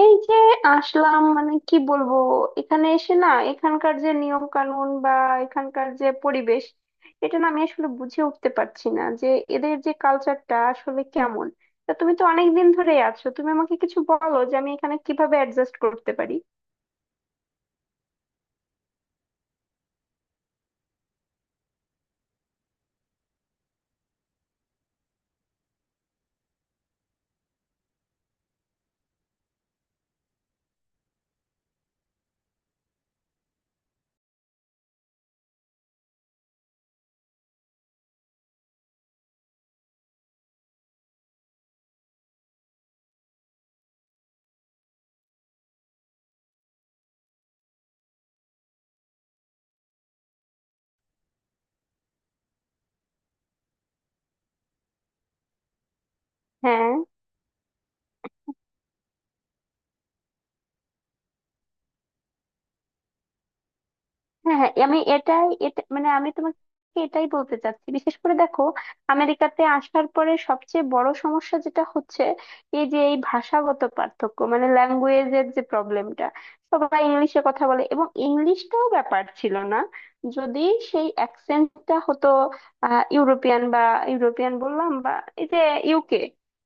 এই যে আসলাম মানে কি বলবো। এখানে এসে না এখানকার যে নিয়ম কানুন বা এখানকার যে পরিবেশ, এটা না আমি আসলে বুঝে উঠতে পারছি না যে এদের যে কালচারটা আসলে কেমন। তা তুমি তো অনেক দিন ধরেই আছো, তুমি আমাকে কিছু বলো যে আমি এখানে কিভাবে অ্যাডজাস্ট করতে পারি। হ্যাঁ, হ্যাঁ আমি এটাই, এটা মানে আমি তোমাকে এটাই বলতে চাচ্ছি। বিশেষ করে দেখো, আমেরিকাতে আসার পরে সবচেয়ে বড় সমস্যা যেটা হচ্ছে এই যে এই ভাষাগত পার্থক্য, মানে ল্যাঙ্গুয়েজের যে প্রবলেমটা। সবাই ইংলিশে কথা বলে, এবং ইংলিশটাও ব্যাপার ছিল না যদি সেই অ্যাকসেন্টটা হতো ইউরোপিয়ান বা ইউরোপিয়ান বললাম বা এই যে ইউকে।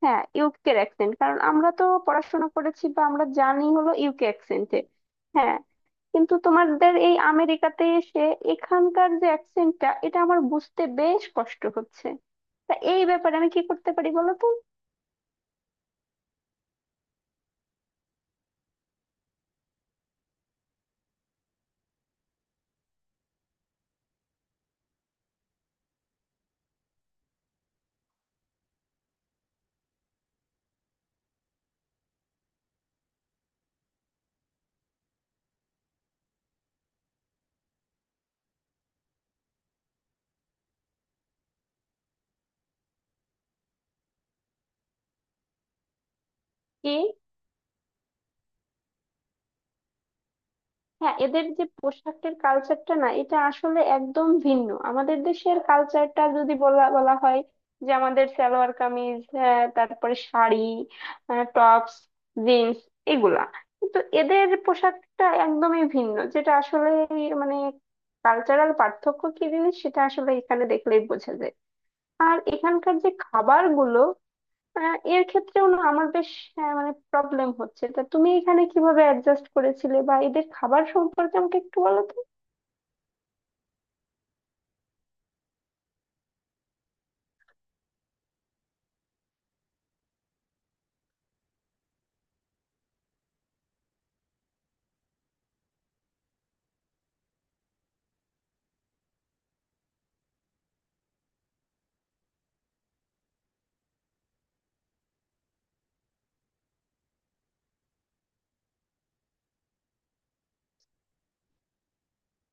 হ্যাঁ, ইউকের অ্যাকসেন্ট, কারণ আমরা তো পড়াশোনা করেছি বা আমরা জানি হলো ইউকে অ্যাকসেন্টে। কিন্তু তোমাদের এই আমেরিকাতে এসে এখানকার যে অ্যাকসেন্টটা, এটা আমার বুঝতে বেশ কষ্ট হচ্ছে। তা এই ব্যাপারে আমি কি করতে পারি বলো তো? কি? হ্যাঁ, এদের যে পোশাকের কালচারটা না, এটা আসলে একদম ভিন্ন। আমাদের দেশের কালচারটা যদি বলা বলা হয়, যে আমাদের সালোয়ার কামিজ, হ্যাঁ, তারপরে শাড়ি, টপস, জিন্স, এগুলা। কিন্তু এদের পোশাকটা একদমই ভিন্ন, যেটা আসলে মানে কালচারাল পার্থক্য কি জিনিস সেটা আসলে এখানে দেখলেই বোঝা যায়। আর এখানকার যে খাবারগুলো, এর ক্ষেত্রেও না আমার বেশ মানে প্রবলেম হচ্ছে। তা তুমি এখানে কিভাবে অ্যাডজাস্ট করেছিলে বা এদের খাবার সম্পর্কে আমাকে একটু বলো তো।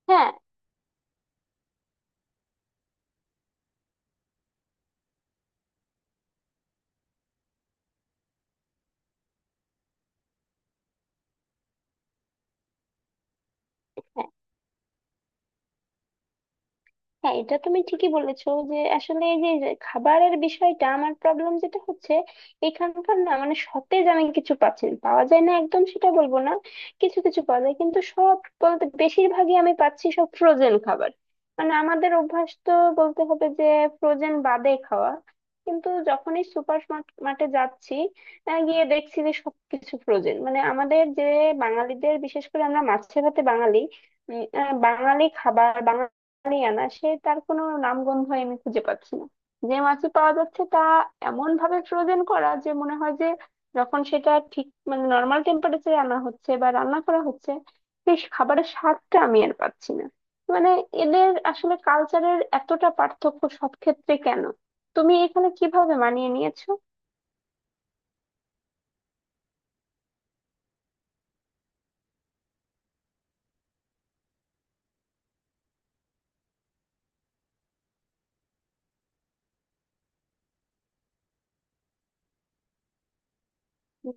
হ্যাঁ হ্যাঁ, এটা তুমি ঠিকই বলেছো যে আসলে এই যে যে খাবারের বিষয়টা আমার প্রবলেম যেটা হচ্ছে এখানকার না মানে সতেজ আমি কিছু পাচ্ছি না। পাওয়া যায় না একদম সেটা বলবো না। কিছু কিছু পাওয়া যায়, কিন্তু সব বলতে বেশিরভাগই আমি পাচ্ছি সব ফ্রোজেন খাবার। মানে আমাদের অভ্যাস তো বলতে হবে যে ফ্রোজেন বাদে খাওয়া। কিন্তু যখনই সুপার মার্কেটে যাচ্ছি, গিয়ে দেখছি যে সবকিছু ফ্রোজেন। মানে আমাদের যে বাঙালিদের, বিশেষ করে আমরা মাছে ভাতে বাঙালি, বাঙালি খাবার আনা সে তার কোনো নামগন্ধ আমি খুঁজে পাচ্ছি না। যে মাছই পাওয়া যাচ্ছে তা এমন ভাবে ফ্রোজেন করা যে মনে হয় যে যখন সেটা ঠিক মানে নর্মাল টেম্পারেচারে আনা হচ্ছে বা রান্না করা হচ্ছে, সেই খাবারের স্বাদটা আমি আর পাচ্ছি না। মানে এদের আসলে কালচারের এতটা পার্থক্য সব ক্ষেত্রে কেন? তুমি এখানে কিভাবে মানিয়ে নিয়েছো?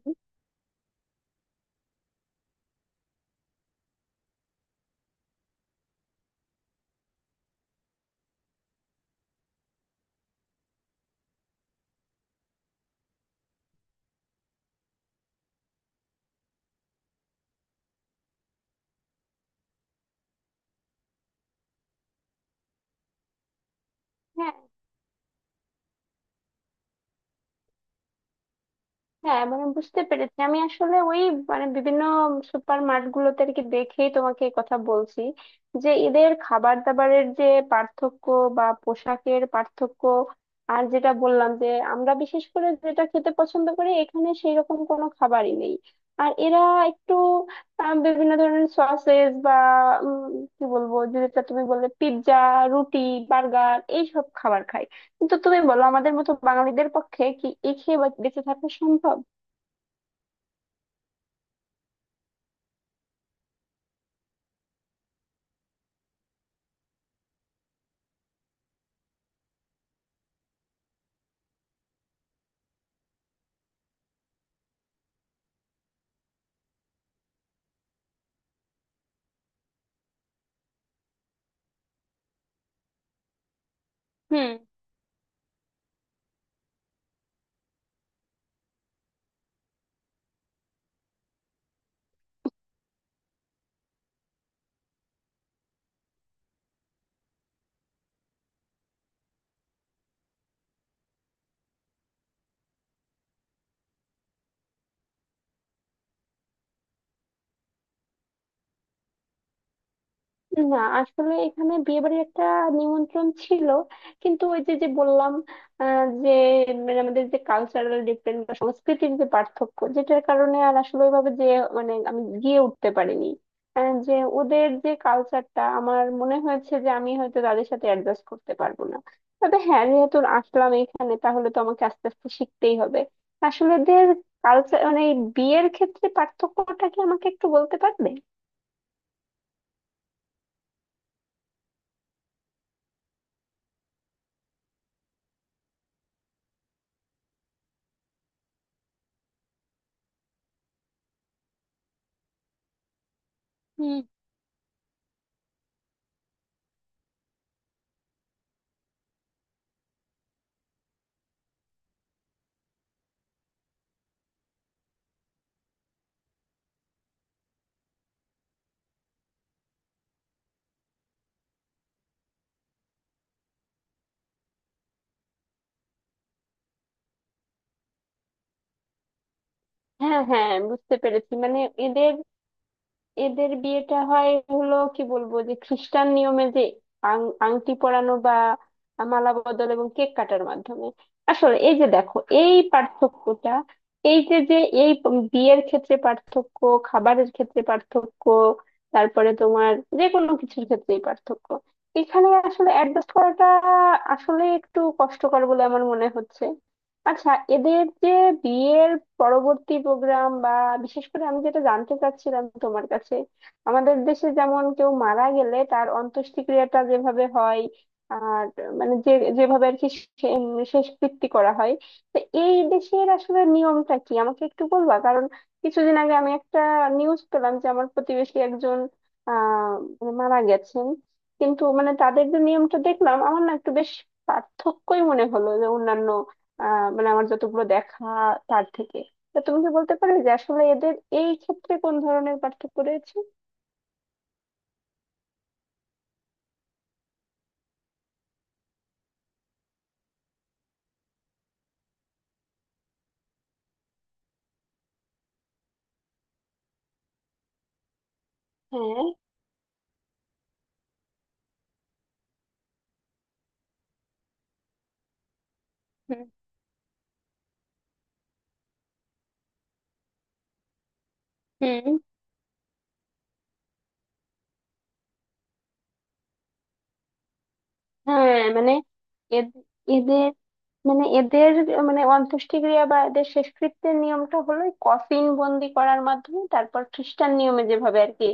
হুম। হ্যাঁ হ্যাঁ মানে বুঝতে পেরেছি। আমি আসলে ওই মানে বিভিন্ন সুপার মার্টগুলোতে আর কি দেখেই তোমাকে এই কথা বলছি যে এদের খাবার দাবারের যে পার্থক্য বা পোশাকের পার্থক্য, আর যেটা বললাম যে আমরা বিশেষ করে যেটা খেতে পছন্দ করি এখানে সেই রকম কোনো খাবারই নেই। আর এরা একটু বিভিন্ন ধরনের সসেস বা উম, কি বলবো, যেটা তুমি বললে, পিৎজা, রুটি, বার্গার এইসব খাবার খায়। কিন্তু তুমি বলো, আমাদের মতো বাঙালিদের পক্ষে কি এ খেয়ে বেঁচে থাকা সম্ভব? হুম। না, আসলে এখানে বিয়ে বাড়ির একটা নিমন্ত্রণ ছিল, কিন্তু ওই যে যে বললাম যে মানে আমাদের যে কালচারাল ডিফারেন্স বা সংস্কৃতির যে পার্থক্য, যেটার কারণে আর আসলে ওইভাবে যে মানে আমি গিয়ে উঠতে পারিনি। যে ওদের যে কালচারটা আমার মনে হয়েছে যে আমি হয়তো তাদের সাথে অ্যাডজাস্ট করতে পারবো না। তবে হ্যাঁ, যেহেতু আসলাম এখানে তাহলে তো আমাকে আস্তে আস্তে শিখতেই হবে। আসলে ওদের কালচার, মানে এই বিয়ের ক্ষেত্রে পার্থক্যটা কি আমাকে একটু বলতে পারবে? হ্যাঁ হ্যাঁ, বুঝতে পেরেছি। মানে এদের এদের বিয়েটা হয় হলো কি বলবো যে খ্রিস্টান নিয়মে যে আংটি পরানো বা মালা বদল এবং কেক কাটার মাধ্যমে। আসলে এই যে দেখো এই পার্থক্যটা, এই যে যে এই বিয়ের ক্ষেত্রে পার্থক্য, খাবারের ক্ষেত্রে পার্থক্য, তারপরে তোমার যে কোনো কিছুর ক্ষেত্রেই পার্থক্য, এখানে আসলে অ্যাডজাস্ট করাটা আসলে একটু কষ্টকর বলে আমার মনে হচ্ছে। আচ্ছা, এদের যে বিয়ের পরবর্তী প্রোগ্রাম বা বিশেষ করে আমি যেটা জানতে চাচ্ছিলাম তোমার কাছে, আমাদের দেশে যেমন কেউ মারা গেলে তার অন্ত্যেষ্টিক্রিয়াটা যেভাবে হয় আর মানে যে যেভাবে আর কি শে- উম শেষকৃত্য করা হয়, তো এই দেশের আসলে নিয়মটা কি আমাকে একটু বলবা? কারণ কিছুদিন আগে আমি একটা নিউজ পেলাম যে আমার প্রতিবেশী একজন আহ মানে মারা গেছেন, কিন্তু মানে তাদের যে নিয়মটা দেখলাম আমার না একটু বেশ পার্থক্যই মনে হলো যে অন্যান্য মানে আমার যতগুলো দেখা তার থেকে। তা তুমি কি বলতে পারবে যে আসলে এদের এই ক্ষেত্রে কোন ধরনের পার্থক্য রয়েছে? হ্যাঁ। হুম। হুম, হ্যাঁ মানে এদ- এদের মানে এদের মানে অন্ত্যেষ্টিক্রিয়া বা এদের শেষকৃত্যের নিয়মটা হলো কফিন বন্দি করার মাধ্যমে তারপর খ্রিস্টান নিয়মে যেভাবে আর কি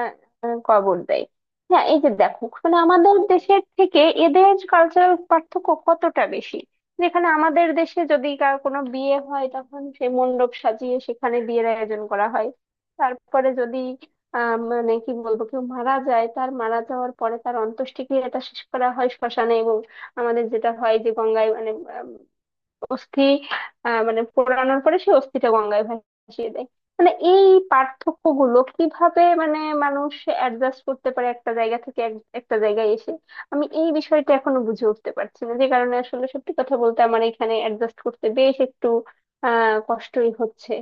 আহ, আহ, কবর দেয়। হ্যাঁ, এই যে দেখো মানে আমাদের দেশের থেকে এদের কালচারাল পার্থক্য কতটা বেশি। যেখানে আমাদের দেশে যদি কার কোনো বিয়ে হয় তখন সে মণ্ডপ সাজিয়ে সেখানে বিয়ের আয়োজন করা হয়। তারপরে যদি মানে কি বলবো কেউ মারা যায়, তার মারা যাওয়ার পরে তার অন্ত্যেষ্টিক্রিয়াটা শেষ করা হয় শ্মশানে, এবং আমাদের যেটা হয় যে গঙ্গায় মানে আম, অস্থি মানে পোড়ানোর পরে সেই অস্থিটা গঙ্গায় ভাসিয়ে দেয়। মানে এই পার্থক্য গুলো কিভাবে মানে মানুষ অ্যাডজাস্ট করতে পারে একটা জায়গা থেকে একটা জায়গায় এসে? আমি এই বিষয়টা এখনো বুঝে উঠতে পারছি না, যে কারণে আসলে সত্যি কথা বলতে আমার এখানে অ্যাডজাস্ট করতে বেশ একটু কষ্টই হচ্ছে।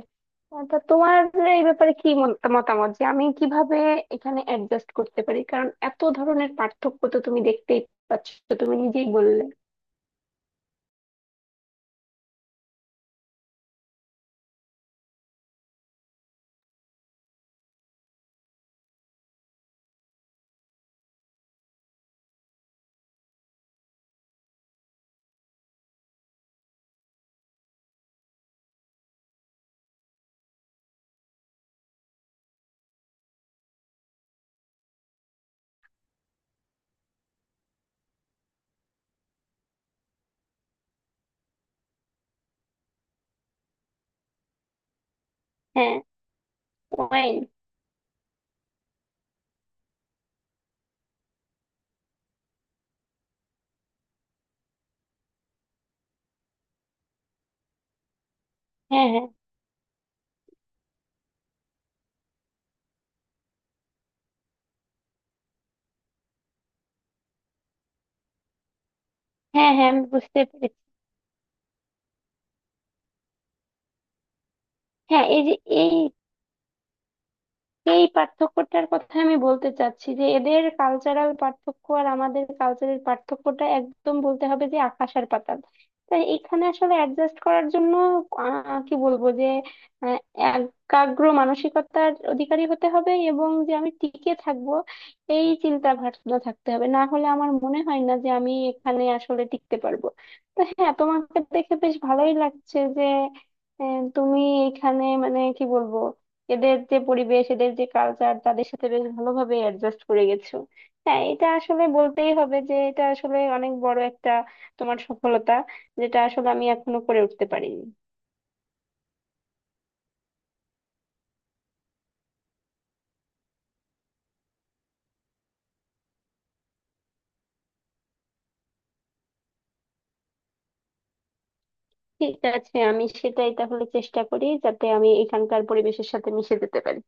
তা তোমার এই ব্যাপারে কি মতামত যে আমি কিভাবে এখানে অ্যাডজাস্ট করতে পারি? কারণ এত ধরনের পার্থক্য তো তুমি দেখতেই পাচ্ছ, তুমি নিজেই বললে। হ্যাঁ। ওয়াইন। হ্যাঁ হ্যাঁ হ্যাঁ হ্যাঁ, আমি বুঝতে পেরেছি। হ্যাঁ, এই যে এই এই পার্থক্যটার কথা আমি বলতে চাচ্ছি যে এদের কালচারাল পার্থক্য আর আমাদের কালচারের পার্থক্যটা একদম বলতে হবে যে আকাশ আর পাতাল। তাই এখানে আসলে অ্যাডজাস্ট করার জন্য কি বলবো যে আহ, একাগ্র মানসিকতার অধিকারী হতে হবে এবং যে আমি টিকে থাকবো এই চিন্তা ভাবনা থাকতে হবে, না হলে আমার মনে হয় না যে আমি এখানে আসলে টিকতে পারবো। তো হ্যাঁ, তোমাকে দেখে বেশ ভালোই লাগছে যে তুমি এখানে মানে কি বলবো এদের যে পরিবেশ এদের যে কালচার তাদের সাথে বেশ ভালোভাবে অ্যাডজাস্ট করে গেছো। হ্যাঁ, এটা আসলে বলতেই হবে যে এটা আসলে অনেক বড় একটা তোমার সফলতা, যেটা আসলে আমি এখনো করে উঠতে পারিনি। ঠিক আছে, আমি সেটাই তাহলে চেষ্টা করি যাতে আমি এখানকার পরিবেশের সাথে মিশে যেতে পারি।